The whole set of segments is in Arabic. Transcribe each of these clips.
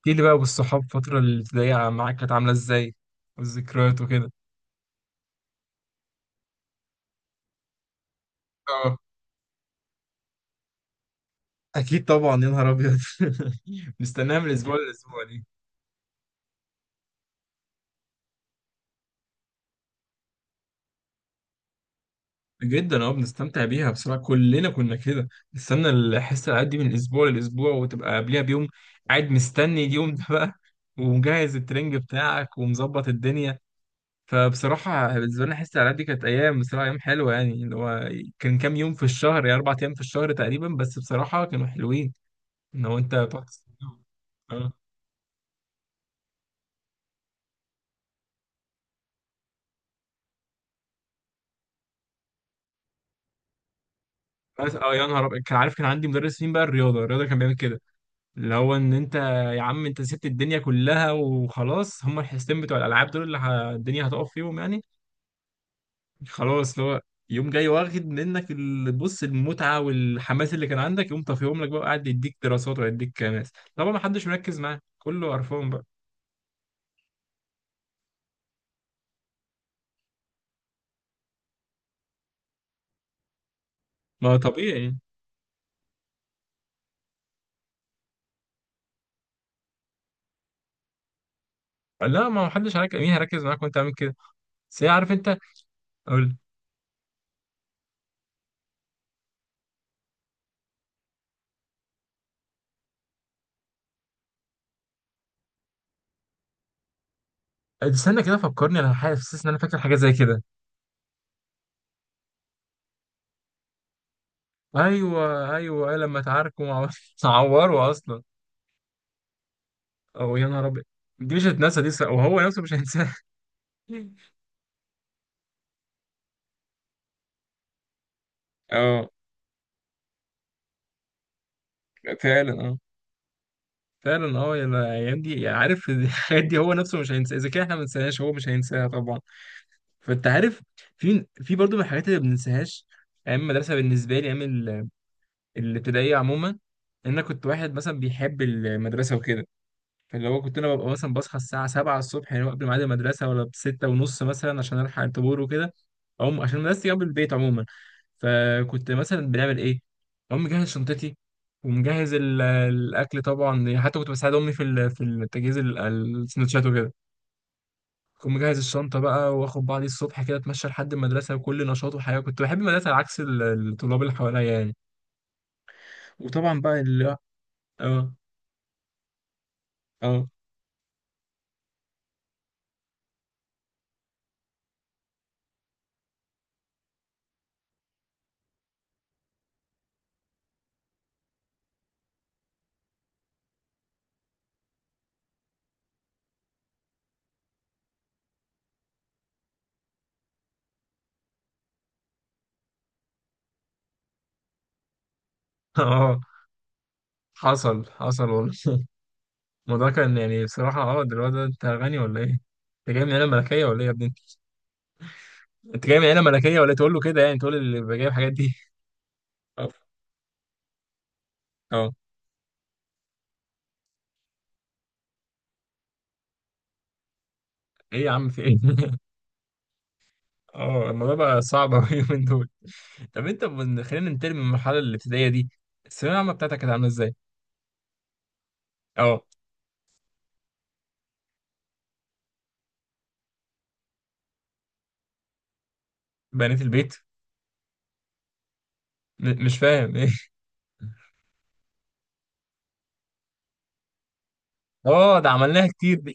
احكي لي بقى بالصحاب الفترة الابتدائية معاك كانت عاملة ازاي؟ والذكريات وكده. اه، اكيد طبعا يا نهار ابيض نستناها من الأسبوع للأسبوع دي. جدا، بنستمتع بيها بصراحة، كلنا كنا كده. نستنى الحصة الألعاب دي من الأسبوع للأسبوع، وتبقى قبلها بيوم قاعد مستني اليوم ده بقى ومجهز الترنج بتاعك ومظبط الدنيا. فبصراحة بالنسبة لنا حصة الألعاب دي كانت أيام، بصراحة أيام حلوة يعني، اللي هو كان كام يوم في الشهر، يعني 4 أيام في الشهر تقريبا، بس بصراحة كانوا حلوين لو انت بتقعد تستناهم. اه. بس يا نهار ابيض، كان عارف. كان عندي مدرس مين بقى؟ الرياضه كان بيعمل كده، اللي هو ان انت، يا عم انت سبت الدنيا كلها وخلاص، هم الحصتين بتوع الالعاب دول اللي الدنيا هتقف فيهم يعني. خلاص اللي هو يوم جاي واخد منك بص، المتعه والحماس اللي كان عندك يقوم طافيهم لك بقى، قاعد يديك دراسات ويديك ماس، طبعا ما حدش مركز معاه، كله قرفان بقى. ما طبيعي، لا، ما حدش هيرك- مين هيركز معاك وانت عامل كده؟ بس هي عارف انت، اقول، استنى كده فكرني، انا حاسس ان انا فاكر حاجه زي كده. ايوه ايوه، لما اتعاركوا مع بعض اتعوروا اصلا. او يا نهار ابيض، دي مش هتنسى دي، وهو نفسه مش هينساها اه فعلا، اه فعلا. اه يا الايام دي، عارف الحاجات دي هو نفسه مش هينساها، اذا كان احنا ما ننساهاش هو مش هينساها طبعا. فانت عارف، في برضه من الحاجات اللي ما بننساهاش، ايام المدرسه بالنسبه لي، ايام الابتدائيه عموما، ان انا كنت واحد مثلا بيحب المدرسه وكده. اللي هو كنت انا ببقى مثلا بصحى الساعه 7 الصبح يعني، قبل ميعاد المدرسه، ولا بستة ونص مثلا، عشان الحق الطابور وكده. أقوم عشان مدرستي جنب البيت عموما، فكنت مثلا بنعمل ايه؟ اقوم مجهز شنطتي، ومجهز الاكل طبعا يعني، حتى كنت بساعد امي في في تجهيز السندوتشات وكده. كنت مجهز الشنطه بقى، واخد بعضي الصبح كده، اتمشى لحد المدرسه، وكل نشاط وحياه، كنت بحب المدرسه على عكس الطلاب اللي حواليا يعني. وطبعا بقى اللي، اه اه اه حصل حصل والله. الموضوع كان يعني بصراحة، ده الواد ده انت غني ولا ايه؟ انت جاي من عيلة ملكية ولا ايه يا ابني انت؟ انت جاي من عيلة ملكية ولا ايه؟ تقول له كده يعني، تقول اللي بيبقى جايب الحاجات دي اه، اه، ايه يا عم؟ في ايه؟ اه، الموضوع بقى صعب اوي اليومين دول. طب انت خلينا ننتقل من المرحلة الابتدائية دي، الثانوية العامة بتاعتك كانت عاملة ازاي؟ اه. بنيت البيت، مش فاهم ايه؟ اه، ده عملناها كتير دي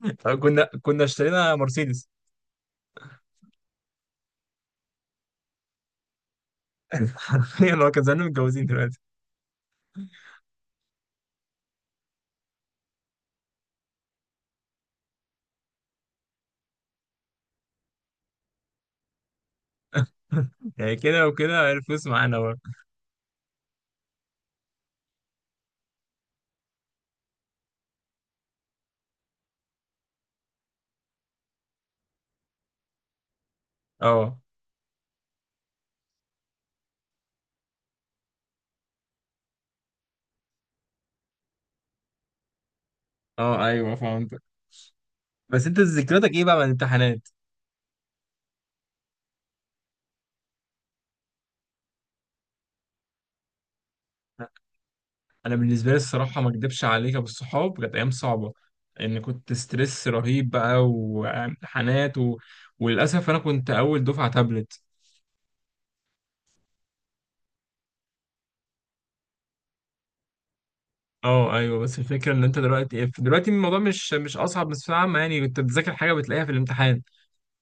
كنا اشترينا مرسيدس حرفيا، هو كان زمان متجوزين دلوقتي يعني كده وكده الفلوس معانا برضه. اه، اه، ايوه فهمت. بس انت ذكرياتك ايه بقى من الامتحانات؟ انا بالنسبه لي الصراحه ما اكدبش عليك يا ابو الصحاب، كانت ايام صعبه، ان كنت ستريس رهيب بقى، وامتحانات، و... وللاسف انا كنت اول دفعه تابلت. اه ايوه، بس الفكره ان انت دلوقتي الموضوع مش اصعب، بس عامه يعني كنت بتذاكر حاجه بتلاقيها في الامتحان،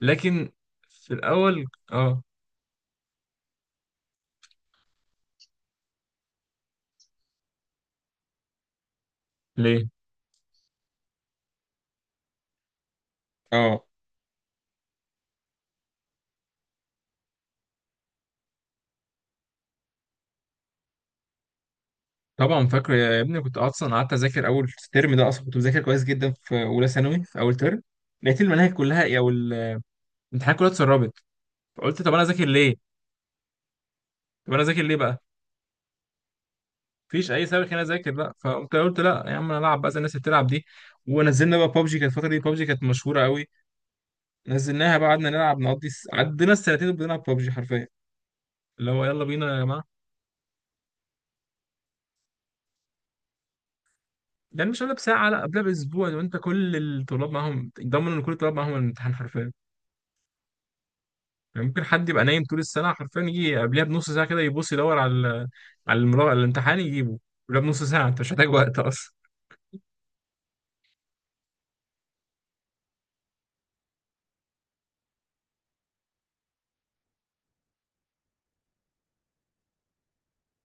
لكن في الاول. اه، ليه، اه طبعا فاكره يا ابني. كنت اصلا قعدت اذاكر اول ترم ده اصلا، كنت بذاكر كويس جدا في اولى ثانوي في اول ترم، لقيت المناهج كلها، او الامتحانات كلها اتسربت، فقلت طب انا اذاكر ليه؟ طب انا اذاكر ليه بقى؟ مفيش اي سبب خليني اذاكر بقى، فقمت قلت لا يا عم، انا العب بقى زي الناس اللي بتلعب دي. ونزلنا بقى بابجي، كانت الفتره دي بابجي كانت مشهوره قوي، نزلناها بقى، قعدنا نلعب، نقضي، عدينا السنتين بنلعب بابجي حرفيا، اللي هو يلا بينا يا جماعه. يعني مش قبلها بساعه، لا، قبلها باسبوع، لو انت كل الطلاب معاهم، ضمن ان كل الطلاب معاهم الامتحان حرفيا. يعني ممكن حد يبقى نايم طول السنه حرفيا، يجي قبلها بنص ساعه كده، يبص يدور على على المراقب، الامتحان يجيبه قبلها بنص ساعه، انت مش محتاج وقت اصلا.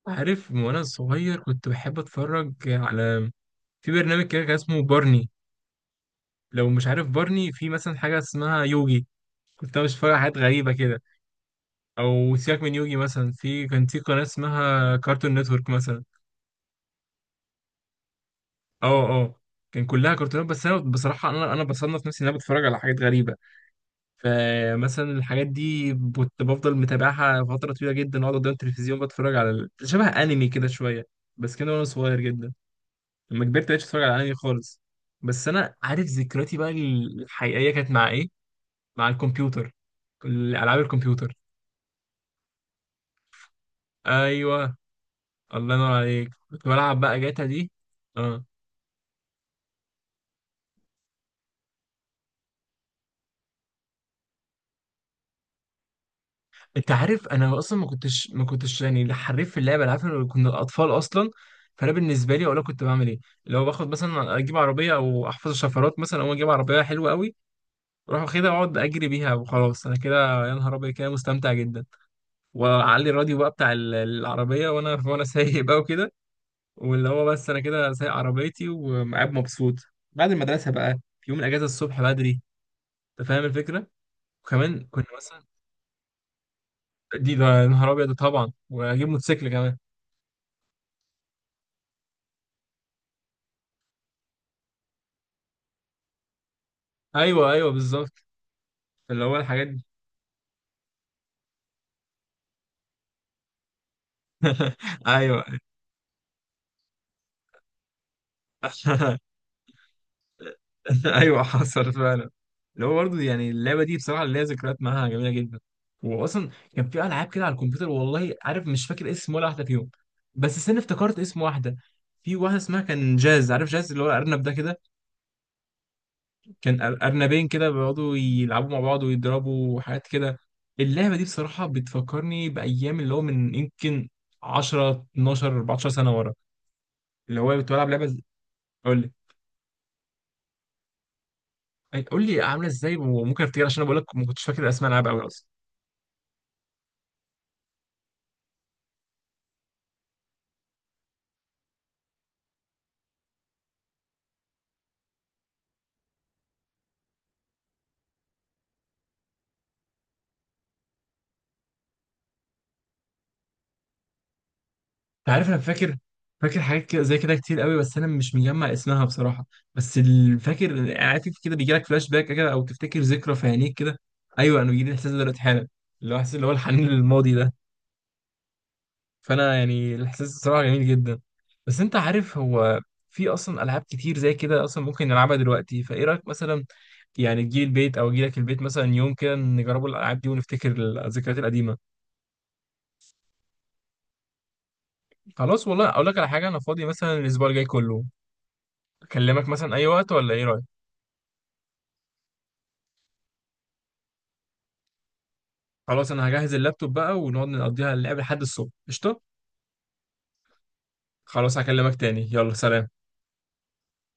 عارف، من وانا صغير كنت بحب اتفرج على، في برنامج كده كان اسمه بارني، لو مش عارف بارني، في مثلا حاجه اسمها يوجي، كنت انا مش فاهم حاجات غريبه كده. او سيبك من يوجي مثلا، في كان في قناه اسمها كارتون نتورك مثلا. اه، اه، كان كلها كرتونات. بس انا بصراحه، انا بصنف نفسي ان انا بتفرج على حاجات غريبه، فمثلا الحاجات دي كنت بفضل متابعها فتره طويله جدا، اقعد قدام التلفزيون بتفرج على شبه انمي كده شويه، بس كده وانا صغير جدا. لما كبرت مبقتش اتفرج على انمي خالص، بس انا عارف ذكرياتي بقى الحقيقيه كانت مع ايه، مع الكمبيوتر، العاب الكمبيوتر. ايوه. الله ينور عليك، كنت بلعب بقى جاتا دي. اه، انت عارف انا اصلا ما كنتش يعني لا حريف في اللعبه، العارف إن كنا الاطفال اصلا. فانا بالنسبه لي اقول لك كنت بعمل ايه، لو باخد مثلا، اجيب عربيه، او احفظ الشفرات مثلا، او اجيب عربيه حلوه قوي، اروح واخدها اقعد اجري بيها وخلاص، انا كده يا نهار ابيض كده مستمتع جدا. واعلي الراديو بقى بتاع العربيه، وانا سايق بقى وكده، واللي هو بس انا كده سايق عربيتي وقاعد مبسوط، بعد المدرسه بقى، في يوم الاجازه الصبح بدري، انت فاهم الفكره. وكمان كنا مثلا، ده يا نهار ابيض طبعا، واجيب موتوسيكل كمان. ايوه ايوه، بالظبط اللي هو الحاجات دي ايوه ايوه حصل فعلا، اللي هو برضه يعني اللعبه دي بصراحه ليها ذكريات معاها جميله جدا. واصلا كان في العاب كده على الكمبيوتر، والله عارف مش فاكر اسم ولا واحده فيهم. بس استنى، افتكرت اسم واحده، في واحده اسمها كان جاز، عارف جاز اللي هو الارنب ده كده؟ كان ارنبين كده بيقعدوا يلعبوا مع بعض ويضربوا وحاجات كده. اللعبه دي بصراحه بتفكرني بايام، اللي هو من يمكن 10 12 14 سنه ورا، اللي هو كنت بلعب لعبه، قول لي قول لي عامله ازاي وممكن افتكر، عشان انا بقول لك ما كنتش فاكر اسماء العاب قوي اصلا. انت عارف انا فاكر، فاكر حاجات كده زي كده كتير قوي، بس انا مش مجمع اسمها بصراحه. بس فاكر عارف كده بيجي لك فلاش باك كده، او تفتكر ذكرى في عينيك كده؟ ايوه، انا بيجي لي الاحساس ده دلوقتي حالا، اللي هو احساس اللي هو الحنين للماضي ده. فانا يعني الاحساس بصراحه جميل جدا. بس انت عارف، هو في اصلا العاب كتير زي كده اصلا ممكن نلعبها دلوقتي، فايه رايك مثلا يعني، تجي البيت او اجي لك البيت مثلا يوم كده، نجربوا الالعاب دي ونفتكر الذكريات القديمه. خلاص، والله اقول لك على حاجه، انا فاضي مثلا الاسبوع الجاي كله، اكلمك مثلا اي وقت، ولا ايه رايك؟ خلاص، انا هجهز اللابتوب بقى، ونقعد نقضيها اللعب لحد الصبح. قشطه، خلاص، هكلمك تاني. يلا سلام.